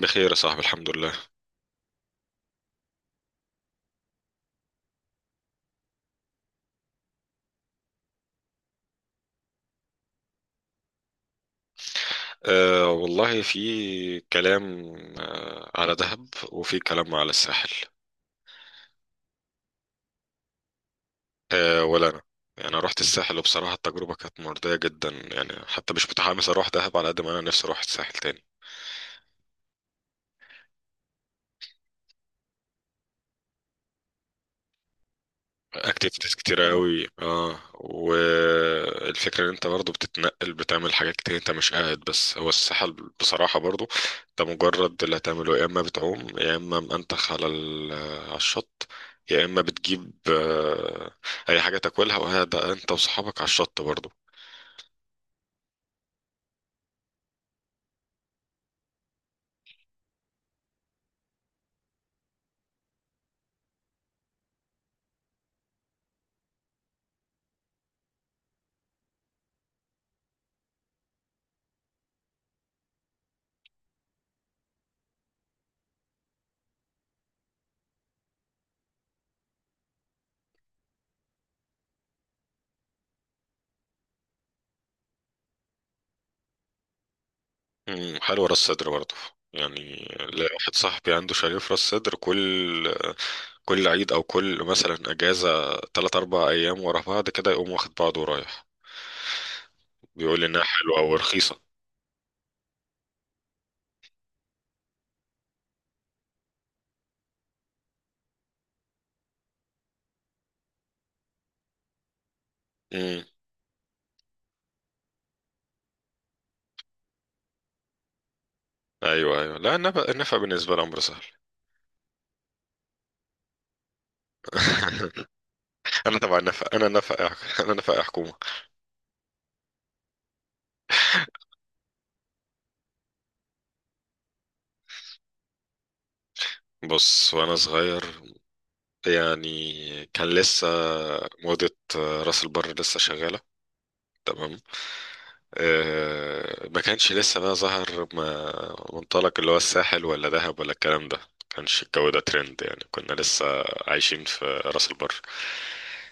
بخير يا صاحبي الحمد لله. أه والله في كلام، أه على دهب وفي كلام على الساحل. أه ولا أنا، يعني أنا رحت الساحل وبصراحة التجربة كانت مرضية جدا، يعني حتى مش متحمس أروح دهب على قد ما أنا نفسي أروح الساحل تاني. اكتيفيتيز كتيرة قوي، اه، والفكرة ان انت برضو بتتنقل بتعمل حاجات كتير، انت مش قاعد بس. هو الساحل بصراحة برضو انت مجرد اللي هتعمله يا اما بتعوم يا اما منتخ على على الشط، يا اما بتجيب اي حاجة تاكلها وقاعد انت وصحابك على الشط برضو. مم، حلوة راس سدر برضو يعني. ليا واحد صاحبي عنده شاليه في راس سدر، كل عيد او كل مثلا اجازة تلات اربع ايام ورا بعض، كده يقوم واخد بعضه ورايح. بيقول لي انها حلوه ورخيصه. امم. ايوه ايوه، لا، النفق بالنسبه لي امر سهل. انا تبع النفق، انا نفق حكومه. بص، وانا صغير يعني، كان لسه موضه راس البر لسه شغاله، تمام؟ ما كانش لسه بقى ظهر منطلق اللي هو الساحل ولا دهب ولا الكلام ده، ما كانش الجو ده ترند يعني. كنا لسه عايشين في راس البر،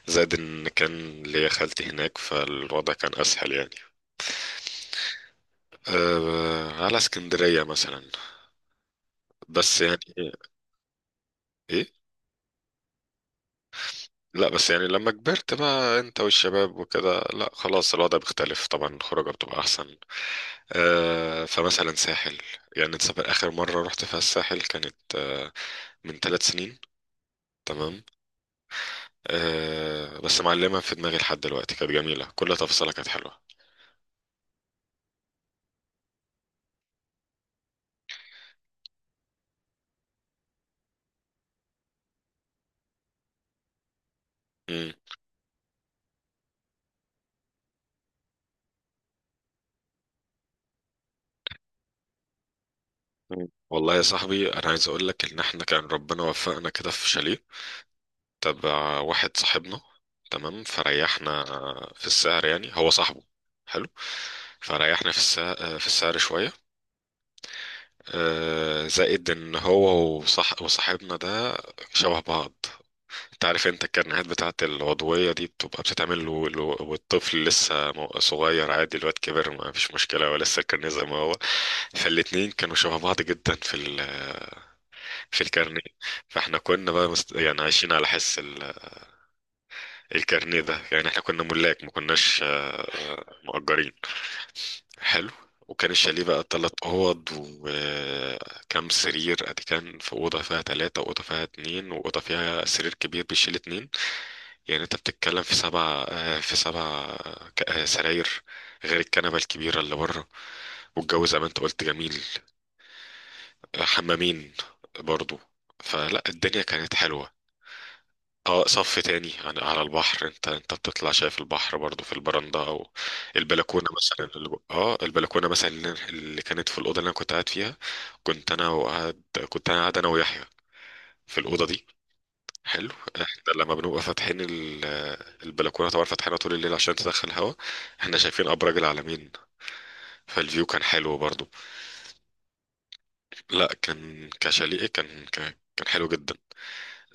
زائد ان كان ليا خالتي هناك، فالوضع كان اسهل يعني. أه، على اسكندرية مثلا، بس يعني ايه لا بس يعني لما كبرت بقى انت والشباب وكده، لا خلاص الوضع بيختلف طبعا، الخروجة بتبقى احسن. فمثلا ساحل، يعني انت سافر اخر مره رحت فيها الساحل كانت من 3 سنين، تمام؟ بس معلمه في دماغي لحد دلوقتي، كانت جميله، كل تفصيلة كانت حلوه. مم. مم. والله يا صاحبي، انا عايز اقول لك ان احنا كان ربنا وفقنا كده في شاليه تبع واحد صاحبنا، تمام، فريحنا في السعر، يعني هو صاحبه، حلو، فريحنا في السعر، شويه. زائد ان هو وصاحبنا ده شبه بعض. انت عارف انت الكرنيهات بتاعت العضوية دي بتبقى بتتعمل والطفل لسه صغير عادي، الواد كبر ما فيش مشكلة، هو لسه الكرنيه زي ما هو. فالاتنين كانوا شبه بعض جدا في الكرنيه. فاحنا كنا بقى يعني عايشين على حس الكرنيه ده، يعني احنا كنا ملاك ما كناش مؤجرين. حلو. وكان الشاليه بقى 3 أوض، وكم سرير أدي؟ كان في أوضة فيها 3، وأوضة فيها اتنين، وأوضة فيها سرير كبير بيشيل اتنين. يعني انت بتتكلم في سبع آه، في سبع آه، ك- آه، سراير، غير الكنبة الكبيرة اللي بره. والجو زي ما انت قلت جميل. حمامين برضو. فلا الدنيا كانت حلوة. اه، صف تاني على البحر، انت بتطلع شايف البحر برضو في البرندة او البلكونة مثلا. اللي جو- اه البلكونة مثلا اللي كانت في الأوضة اللي انا كنت قاعد فيها، كنت انا وقاعد كنت انا قاعد انا ويحيى في الأوضة دي. حلو. احنا لما بنبقى فاتحين البلكونه، طبعا فاتحينها طول الليل عشان تدخل هوا، احنا شايفين ابراج العلمين، فالفيو كان حلو برضو. لا كان كشاليه كان كان حلو جدا.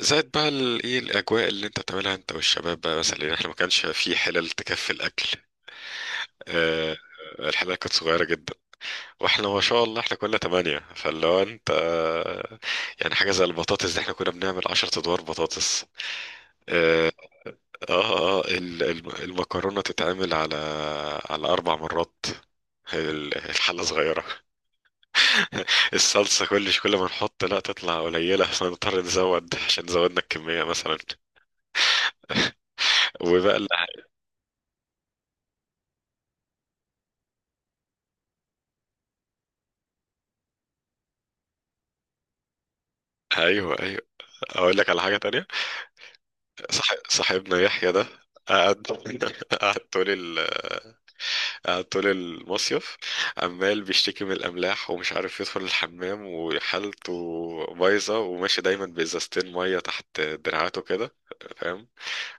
زائد بقى ال- ايه الاجواء اللي انت بتعملها انت والشباب بقى، مثلا لان احنا ما كانش في حلل تكفي الاكل. آه، الحلقة كانت صغيرة جدا، واحنا ما شاء الله احنا كنا 8، فاللي هو انت يعني حاجة زي البطاطس دي احنا كنا بنعمل 10 ادوار بطاطس. آه، المكرونة تتعمل على على 4 مرات، هي الحلة صغيرة. الصلصة كل ما نحط لا تطلع قليلة، فنضطر نزود عشان زودنا الكمية مثلا. وبقى ال- ايوه ايوه، اقول لك على حاجة تانية. صح، صاحبنا يحيى ده قعد، قعد طول ال... قعد طول المصيف عمال بيشتكي من الأملاح، ومش عارف يدخل الحمام، وحالته بايظة، وماشي دايما بإزازتين مية تحت دراعاته كده، فاهم؟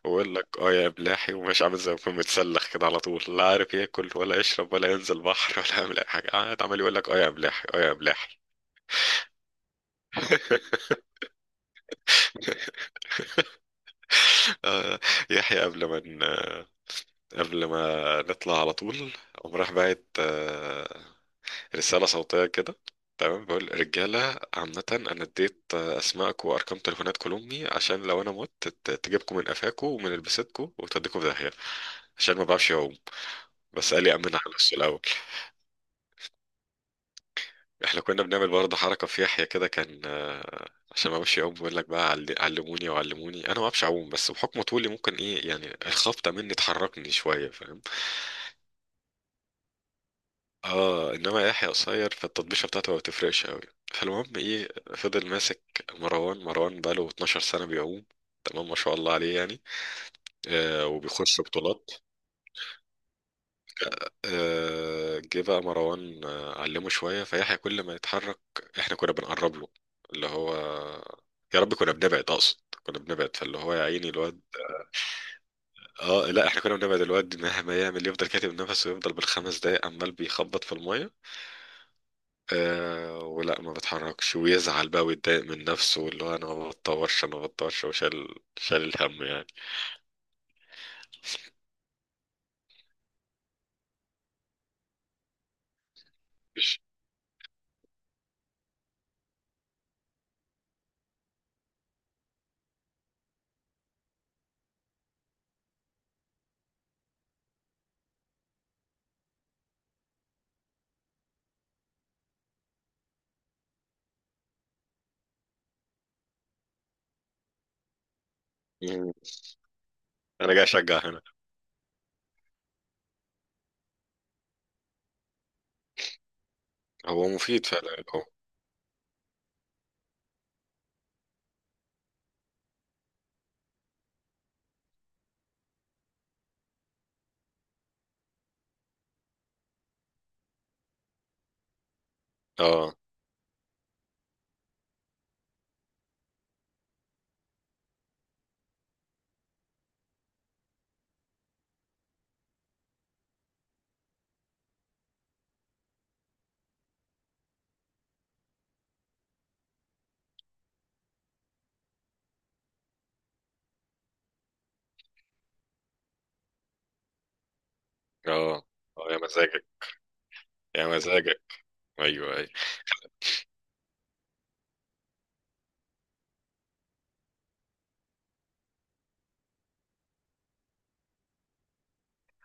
بقول لك اه يا بلاحي، ومش عامل زي ما يكون متسلخ كده على طول، لا عارف ياكل ولا يشرب ولا ينزل بحر ولا يعمل اي حاجه، قاعد عمال يقول لك اه يا بلاحي اه يا بلاحي. آه، يحيى قبل ما نطلع، على طول قام راح باعت رسالة صوتية كده، تمام؟ بقول رجالة عامة، أنا اديت أسمائك وأرقام تليفونات كل أمي، عشان لو أنا مت تجيبكم من قفاكم ومن لبستكم وتوديكم في داهية، عشان ما بعرفش أعوم. بس قال لي أمنها على نفسه الأول. احنا كنا بنعمل برضه حركة في يحيى كده، كان عشان ما اعرفش يعوم، بيقول لك بقى عل- علموني وعلموني، انا ما اعرفش اعوم، بس بحكم طولي ممكن ايه يعني الخبطة مني تحركني شوية، فاهم؟ اه، انما يحيى قصير، فالتطبيشة بتاعته ما بتفرقش قوي. فالمهم ايه؟ فضل ماسك مروان، بقاله 12 سنة بيعوم، تمام، ما شاء الله عليه يعني. آه، وبيخش بطولات. جه بقى مروان علمه شوية فيحيى. كل ما يتحرك احنا كنا بنقرب له، اللي هو، يا رب كنا بنبعد اقصد كنا بنبعد، فاللي هو يا عيني الواد. اه، لا، احنا كنا بنبعد، الواد مهما يعمل يفضل كاتب نفسه، ويفضل بالخمس دقايق عمال بيخبط في المية، آه، ولا ما بتحركش ويزعل بقى ويتضايق من نفسه، واللي هو انا ما بتطورش انا ما بتطورش، وشال شال الهم يعني. مش- مم. انا جاي اشجع هنا. هو مفيد فعلا هو. اه اه. اه يا مزاجك، يا مزاجك. ايوه ايوه.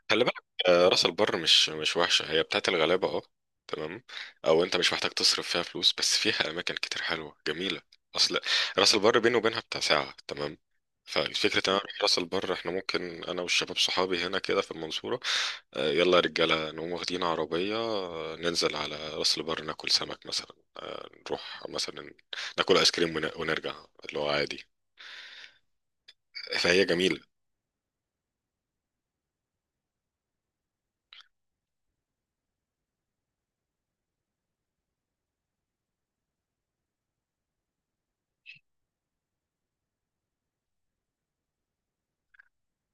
خلي بالك راس البر مش وحشه، هي بتاعت الغلابه اه، تمام، او انت مش محتاج تصرف فيها فلوس، بس فيها اماكن كتير حلوه جميله. اصل راس البر بيني وبينها بتاع ساعه، تمام؟ فالفكرة ان انا اروح راس البر، احنا ممكن انا والشباب صحابي هنا كده في المنصورة، يلا يا رجالة نقوم واخدين عربية ننزل على راس البر، ناكل سمك مثلا، نروح مثلا ناكل ايس كريم ونرجع، اللي هو عادي. فهي جميلة،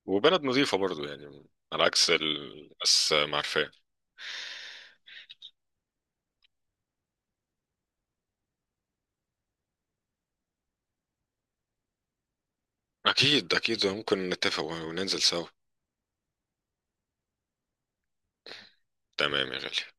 وبلد نظيفة برضو يعني، على عكس الناس ما عارفاه. أكيد أكيد، ممكن نتفق وننزل سوا. تمام يا غالي.